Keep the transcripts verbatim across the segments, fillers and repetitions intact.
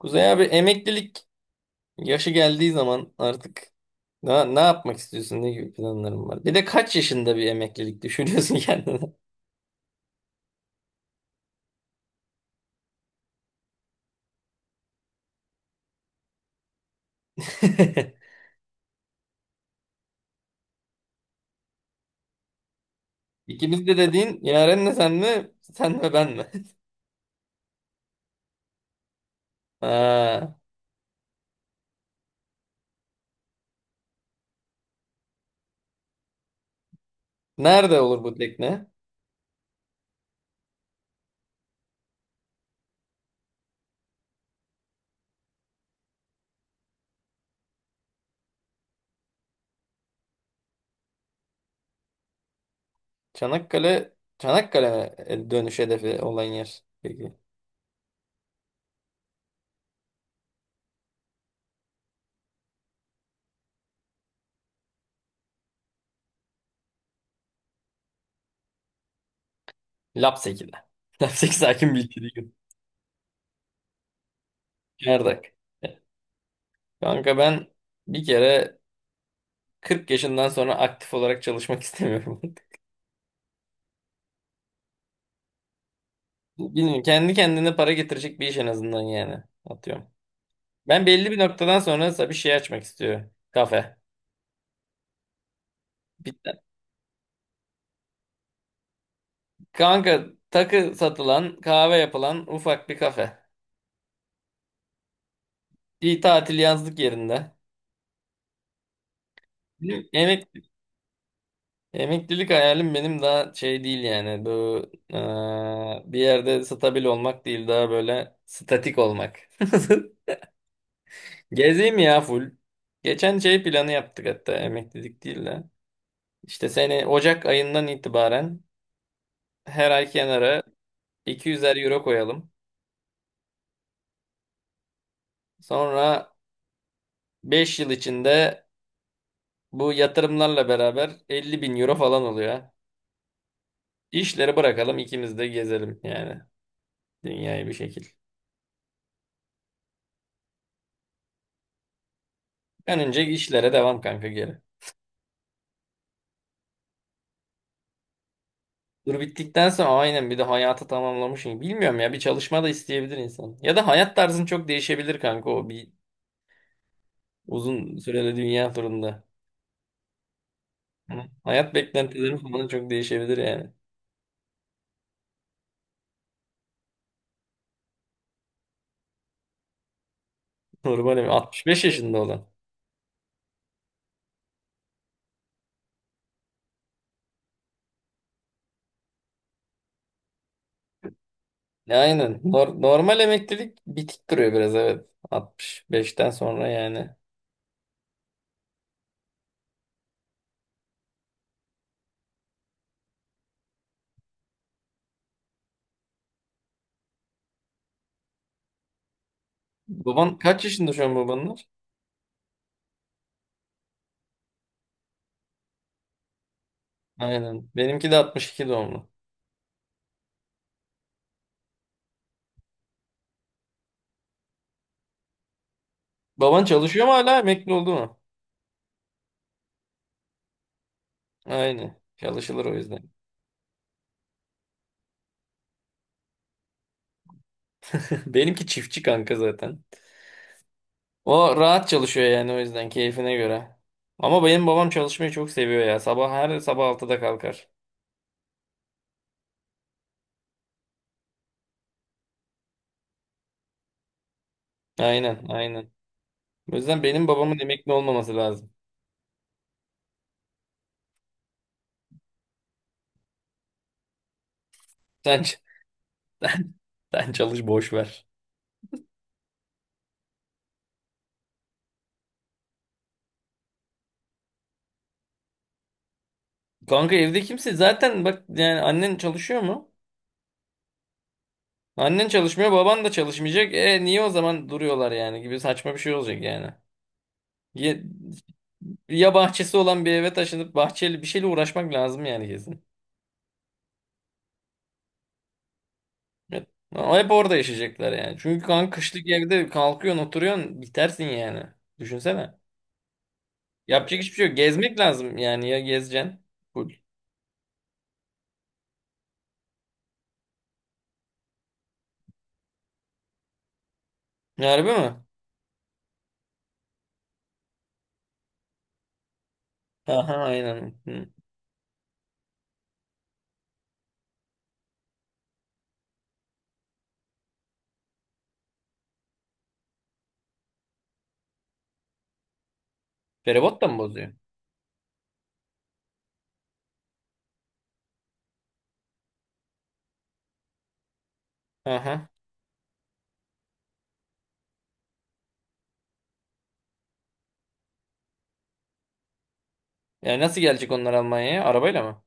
Kuzey abi emeklilik yaşı geldiği zaman artık ne, ne yapmak istiyorsun? Ne gibi planların var? Bir de kaç yaşında bir emeklilik düşünüyorsun kendine? İkimiz de dediğin Yaren'le sen mi? Sen ve ben mi? Ha, nerede olur bu tekne? Çanakkale Çanakkale mi? E, dönüş hedefi olan yer. Peki. Lapseki'de. Lapseki sakin bir ilçe değil. Çardak. Kanka ben bir kere kırk yaşından sonra aktif olarak çalışmak istemiyorum. Bilmiyorum. Kendi kendine para getirecek bir iş en azından yani. Atıyorum. Ben belli bir noktadan sonra mesela bir şey açmak istiyorum. Kafe. Bir, kanka takı satılan, kahve yapılan ufak bir kafe. Bir tatil yazlık yerinde. Benim emek, emeklilik hayalim benim daha şey değil yani. Bu eee, bir yerde stabil olmak değil daha böyle statik olmak. Gezeyim ya full. Geçen şey planı yaptık hatta emeklilik değil de. İşte seni Ocak ayından itibaren her ay kenara iki yüzer euro koyalım. Sonra beş yıl içinde bu yatırımlarla beraber elli bin euro falan oluyor. İşleri bırakalım ikimiz de gezelim yani dünyayı bir şekil. Önce işlere devam kanka geri. Dur bittikten sonra aynen bir de hayatı tamamlamışım. Bilmiyorum ya bir çalışma da isteyebilir insan. Ya da hayat tarzın çok değişebilir kanka o bir uzun süreli dünya turunda. Hı. Hayat beklentilerin falan çok değişebilir yani. Normal altmış beş yaşında olan. Aynen. Nor- normal emeklilik bitik duruyor biraz, evet. altmış beşten sonra yani. Baban kaç yaşında şu an, babanlar? Aynen. Benimki de altmış iki doğumlu. Baban çalışıyor mu hala, emekli oldu mu? Aynen. Çalışılır o yüzden. Benimki çiftçi kanka zaten. O rahat çalışıyor yani o yüzden keyfine göre. Ama benim babam çalışmayı çok seviyor ya. Sabah her sabah altıda kalkar. Aynen, aynen. O yüzden benim babamın emekli olmaması lazım. Sen, ç- Sen çalış, boş ver. Kanka evde kimse zaten bak yani, annen çalışıyor mu? Annen çalışmıyor, baban da çalışmayacak. E niye o zaman duruyorlar yani, gibi saçma bir şey olacak yani. Ya, ya bahçesi olan bir eve taşınıp bahçeli bir şeyle uğraşmak lazım yani, kesin. Evet. Ama hep orada yaşayacaklar yani. Çünkü kanka kışlık evde kalkıyorsun, oturuyorsun, bitersin yani. Düşünsene. Yapacak hiçbir şey yok. Gezmek lazım yani, ya gezeceksin. Full. Harbi mi? Aha, aynen. Hı. Feribot da mı bozuyor? Aha. Yani nasıl gelecek onlar Almanya'ya? Arabayla mı?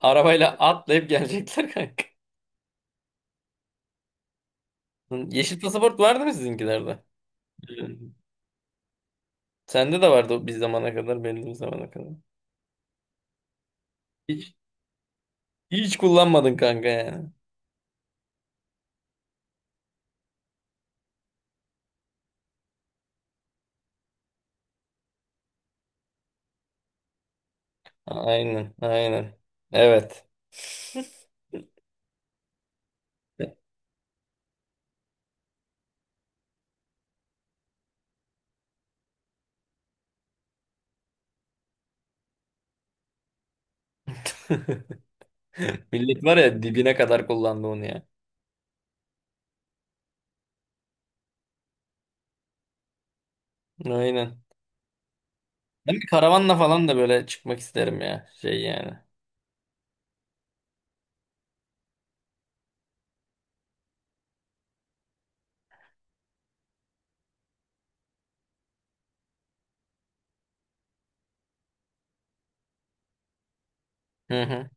Arabayla atlayıp gelecekler kanka. Yeşil pasaport vardı mı sizinkilerde? Hmm. Sende de vardı o bir zamana kadar belli bir zamana kadar. Hiç, hiç kullanmadın kanka yani. Aynen, aynen. Evet. Millet var ya dibine kadar kullandı onu ya. Aynen. Ben bir karavanla falan da böyle çıkmak isterim ya. Şey yani. Hı hı.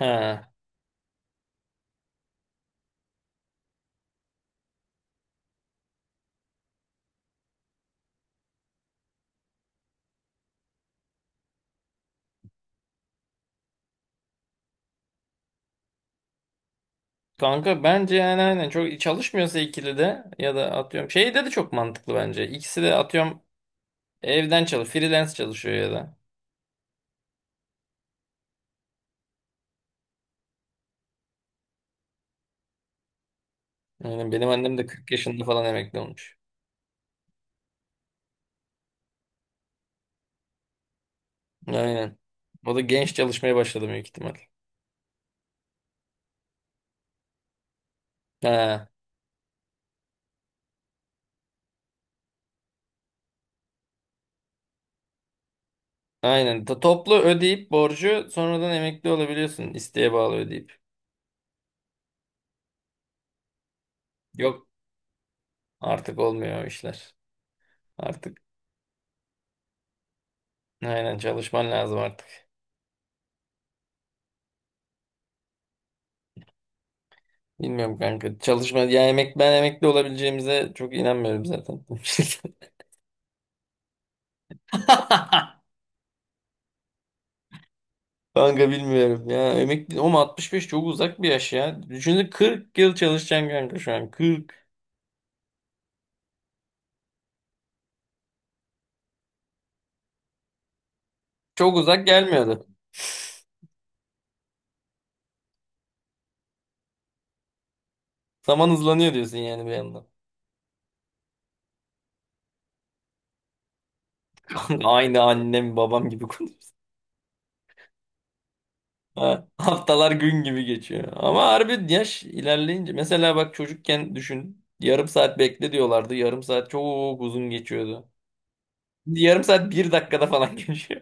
Ha. Kanka bence yani aynen çok çalışmıyorsa ikili de, ya da atıyorum. Şeyde de çok mantıklı bence. İkisi de atıyorum, evden çalış, freelance çalışıyor ya da. Aynen benim annem de kırk yaşında falan emekli olmuş. Aynen. O da genç çalışmaya başladı büyük ihtimal. Ha, aynen. To- toplu ödeyip borcu sonradan emekli olabiliyorsun. İsteğe bağlı ödeyip. Yok, artık olmuyor o işler. Artık aynen çalışman lazım artık. Bilmiyorum kanka. Çalışma ya, emek ben emekli olabileceğimize çok inanmıyorum zaten. Kanka bilmiyorum ya. Emekli ama altmış beş çok uzak bir yaş ya. Düşünsene kırk yıl çalışacaksın kanka şu an. kırk. Çok uzak gelmiyordu. Zaman hızlanıyor diyorsun yani bir yandan. Aynı annem babam gibi konuşuyor. Ha, haftalar gün gibi geçiyor. Ama harbi yaş ilerleyince mesela bak çocukken düşün. Yarım saat bekle diyorlardı. Yarım saat çok uzun geçiyordu. Şimdi yarım saat bir dakikada falan geçiyor.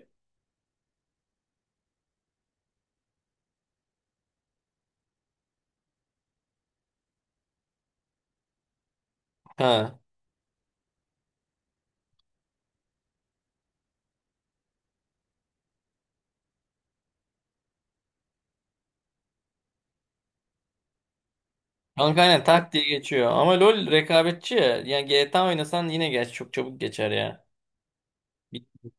Ha. Kanka aynen tak diye geçiyor. Ama LoL rekabetçi ya. Yani G T A oynasan yine geç çok çabuk geçer ya. Bitti.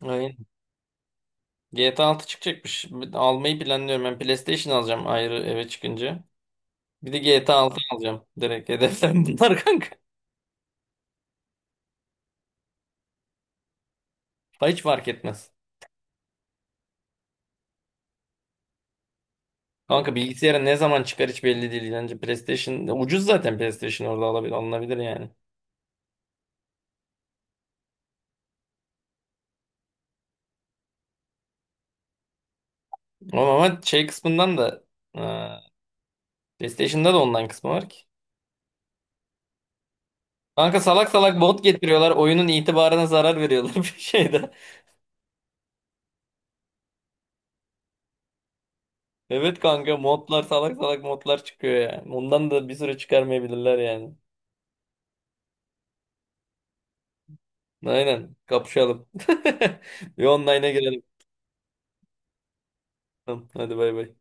Aynen. G T A altı çıkacakmış. Ben almayı planlıyorum. Ben PlayStation alacağım ayrı eve çıkınca. Bir de G T A altı Aa, alacağım. Direkt hedeflerim bunlar kanka. Ha, hiç fark etmez. Kanka bilgisayara ne zaman çıkar hiç belli değil. Bence PlayStation ucuz zaten, PlayStation orada alabilir, alınabilir yani. Ama, ama şey kısmından da e, PlayStation'da da online kısmı var ki. Kanka salak salak bot getiriyorlar. Oyunun itibarına zarar veriyorlar bir şeyde. Evet kanka modlar salak salak modlar çıkıyor yani. Ondan da bir süre çıkarmayabilirler yani. Aynen. Kapışalım. Bir online'a girelim. Tamam, hadi bay bay.